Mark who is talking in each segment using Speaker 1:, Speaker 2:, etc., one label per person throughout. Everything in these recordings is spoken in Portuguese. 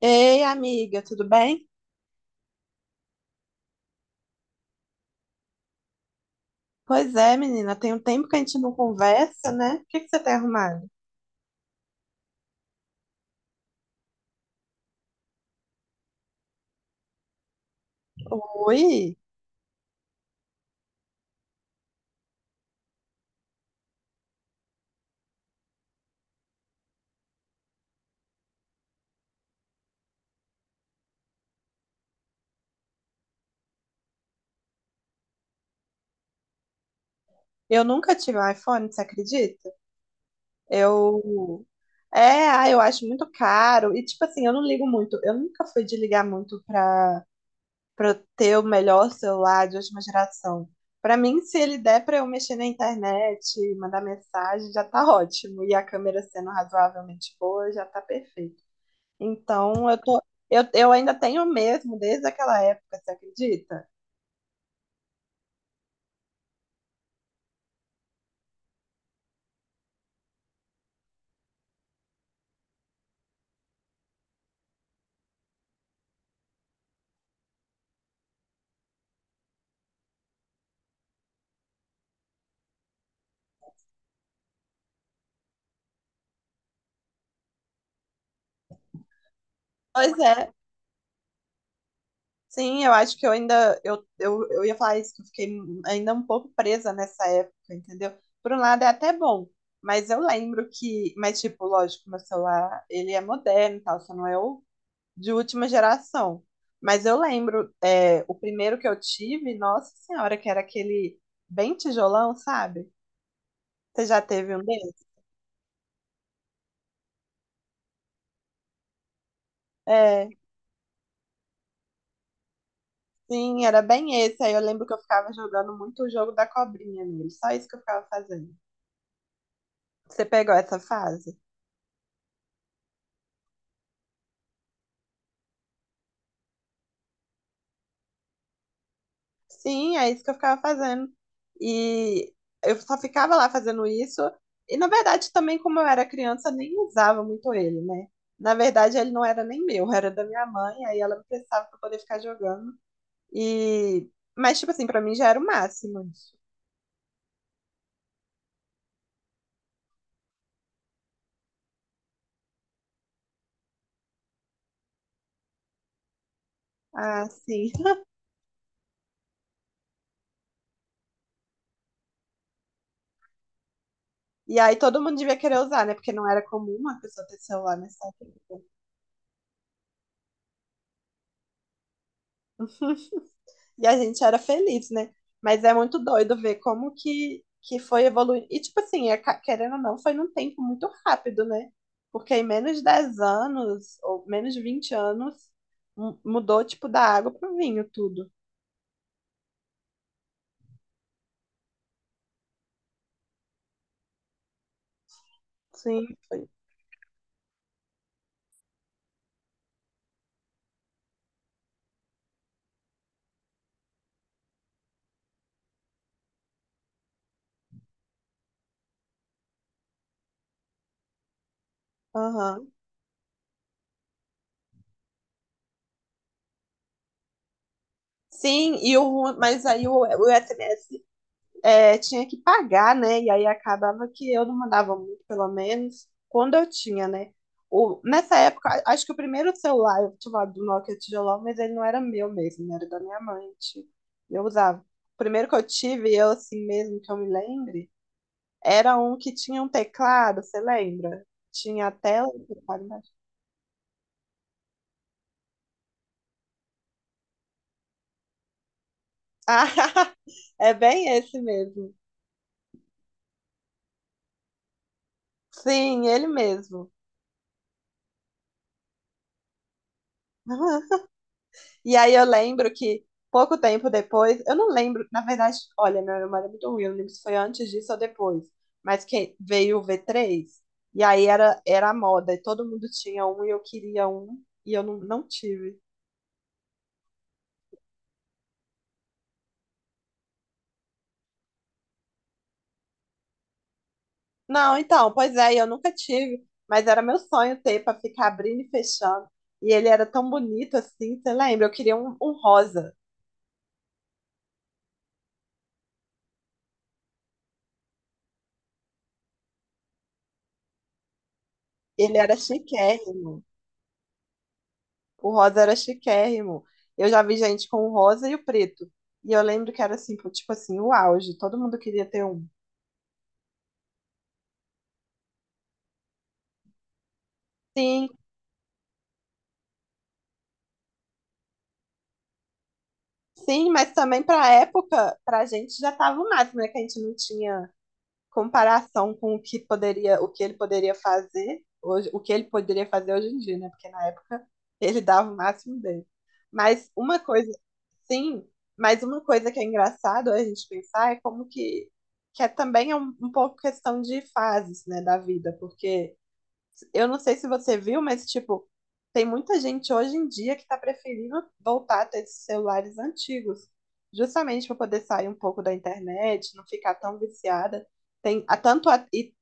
Speaker 1: Ei, amiga, tudo bem? Pois é, menina, tem um tempo que a gente não conversa, né? O que que você tem arrumado? Oi, eu nunca tive um iPhone, você acredita? Eu. É, eu acho muito caro. E, tipo assim, eu não ligo muito. Eu nunca fui de ligar muito pra eu ter o melhor celular de última geração. Pra mim, se ele der pra eu mexer na internet, mandar mensagem, já tá ótimo. E a câmera sendo razoavelmente boa, já tá perfeito. Então, eu ainda tenho mesmo desde aquela época, você acredita? Pois é, sim, eu acho que eu ia falar isso, que eu fiquei ainda um pouco presa nessa época, entendeu? Por um lado é até bom, mas mas tipo, lógico, meu celular, ele é moderno e tal, só não é o de última geração. Mas eu lembro, o primeiro que eu tive, nossa senhora, que era aquele bem tijolão, sabe? Você já teve um desses? É. Sim, era bem esse. Aí eu lembro que eu ficava jogando muito o jogo da cobrinha nele. Só isso que eu ficava fazendo. Você pegou essa fase? Sim, é isso que eu ficava fazendo. E eu só ficava lá fazendo isso. E na verdade, também, como eu era criança, nem usava muito ele, né? Na verdade, ele não era nem meu, era da minha mãe. Aí ela me prestava pra poder ficar jogando. E... mas, tipo assim, pra mim já era o máximo isso. Ah, sim. E aí todo mundo devia querer usar, né? Porque não era comum uma pessoa ter celular nessa época. E a gente era feliz, né? Mas é muito doido ver como que foi evoluindo. E, tipo assim, é querendo ou não, foi num tempo muito rápido, né? Porque em menos de 10 anos, ou menos de 20 anos, mudou, tipo, da água pro vinho tudo. Sim, foi. Aham. Sim, e o, ru- mas aí o SMS tinha que pagar, né? E aí acabava que eu não mandava muito, pelo menos, quando eu tinha, né? Nessa época, acho que o primeiro celular eu tive do Nokia tijolão, mas ele não era meu mesmo, né? Era da minha mãe. Tipo, eu usava. O primeiro que eu tive, eu assim mesmo, que eu me lembre, era um que tinha um teclado, você lembra? Tinha a tela e o teclado embaixo. Ah, é bem esse mesmo. Sim, ele mesmo. E aí eu lembro que pouco tempo depois, eu não lembro, na verdade, olha, minha memória é muito ruim, eu não lembro se foi antes disso ou depois, mas que veio o v três e aí era a moda, e todo mundo tinha um, e eu queria um, e eu não, não tive. Não, então, pois é, eu nunca tive, mas era meu sonho ter pra ficar abrindo e fechando. E ele era tão bonito assim, você lembra? Eu queria um rosa. Ele era chiquérrimo. O rosa era chiquérrimo. Eu já vi gente com o rosa e o preto. E eu lembro que era assim, pô, tipo assim, o auge. Todo mundo queria ter um. Sim, sim, mas também pra época, pra gente já tava o máximo, né? Que a gente não tinha comparação com o que poderia, o que ele poderia fazer hoje em dia, né? Porque na época ele dava o máximo dele. Mas uma coisa, sim, mas uma coisa que é engraçado a gente pensar é como que é também é um pouco questão de fases, né, da vida, porque eu não sei se você viu, mas, tipo, tem muita gente hoje em dia que tá preferindo voltar a ter esses celulares antigos, justamente para poder sair um pouco da internet, não ficar tão viciada. Tem a tanto a- e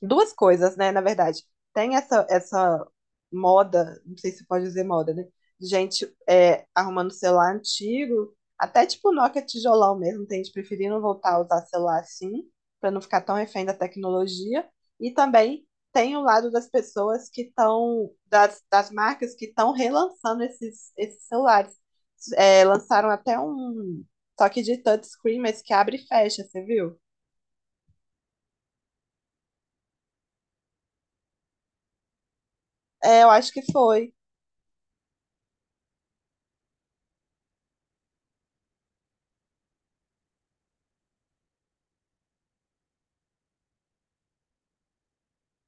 Speaker 1: duas coisas, né, na verdade. Tem essa moda, não sei se pode dizer moda, né? De gente é, arrumando celular antigo, até tipo Nokia tijolão mesmo, tem gente preferindo voltar a usar celular assim, para não ficar tão refém da tecnologia. E também tem o lado das pessoas que estão, das marcas que estão relançando esses celulares. É, lançaram até um toque de touchscreen, mas que abre e fecha, você viu? É, eu acho que foi.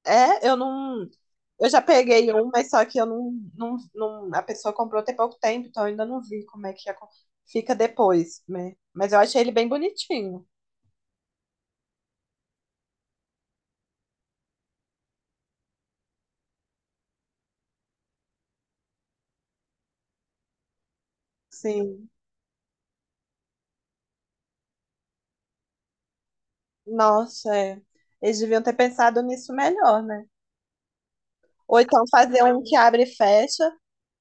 Speaker 1: É, eu não, Eu já peguei um, mas só que eu não, não, não- a pessoa comprou tem pouco tempo, então eu ainda não vi como é que fica depois, né? Mas eu achei ele bem bonitinho. Sim. Nossa, é. Eles deviam ter pensado nisso melhor, né? Ou então fazer um que abre e fecha,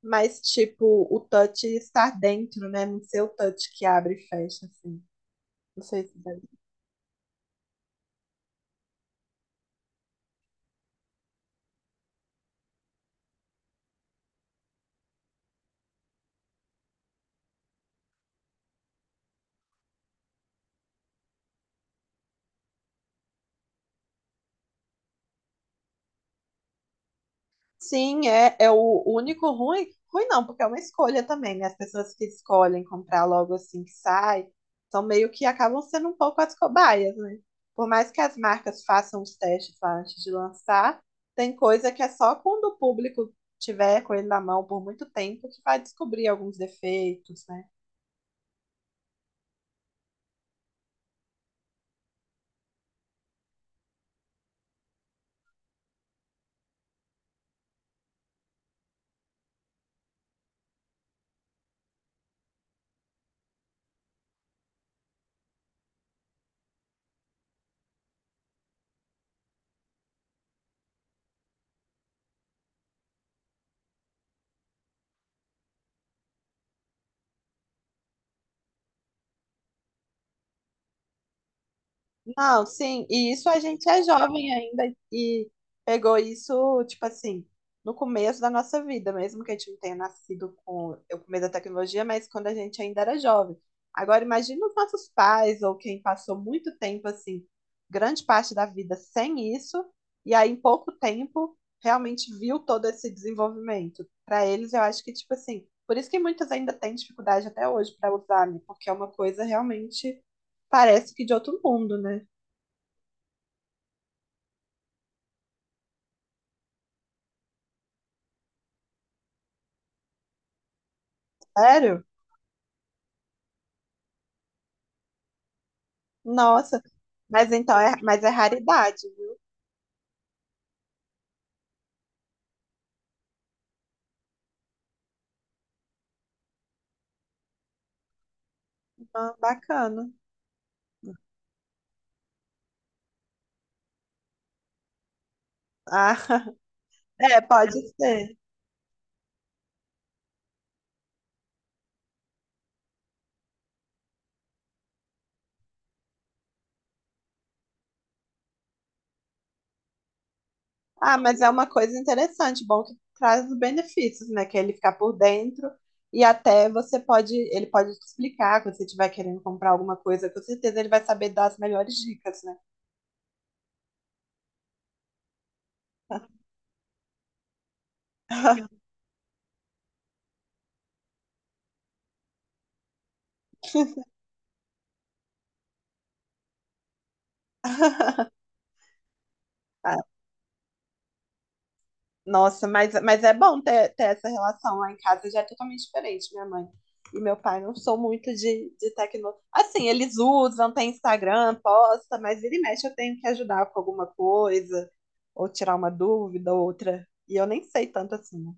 Speaker 1: mas tipo, o touch estar dentro, né? Não ser o touch que abre e fecha, assim. Não sei se sim, é, é o único ruim. Ruim não, porque é uma escolha também, né? As pessoas que escolhem comprar logo assim que sai, são meio que acabam sendo um pouco as cobaias, né? Por mais que as marcas façam os testes lá antes de lançar, tem coisa que é só quando o público tiver com ele na mão por muito tempo que vai descobrir alguns defeitos, né? Não, sim, e isso a gente é jovem ainda e pegou isso, tipo assim, no começo da nossa vida, mesmo que a gente não tenha nascido com o começo da tecnologia, mas quando a gente ainda era jovem. Agora, imagina os nossos pais ou quem passou muito tempo, assim, grande parte da vida sem isso, e aí em pouco tempo realmente viu todo esse desenvolvimento. Para eles, eu acho que, tipo assim, por isso que muitas ainda têm dificuldade até hoje para usar, né? Porque é uma coisa realmente parece que de outro mundo, né? Sério? Nossa. Mas então é, mas é raridade, viu? Ah, bacana. Ah, é, pode ser. Ah, mas é uma coisa interessante, bom que traz os benefícios, né? Que é ele ficar por dentro e até você pode, ele pode te explicar quando você estiver querendo comprar alguma coisa, com certeza ele vai saber dar as melhores dicas, né? Mas é bom ter essa relação lá em casa, já é totalmente diferente, minha mãe e meu pai não são muito de tecnologia. Assim, eles usam, tem Instagram, posta, mas vira e mexe eu tenho que ajudar com alguma coisa, ou tirar uma dúvida, ou outra. E eu nem sei tanto assim, né?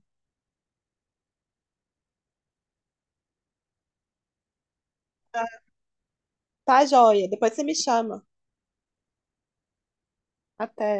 Speaker 1: Tá, joia, depois você me chama. Até.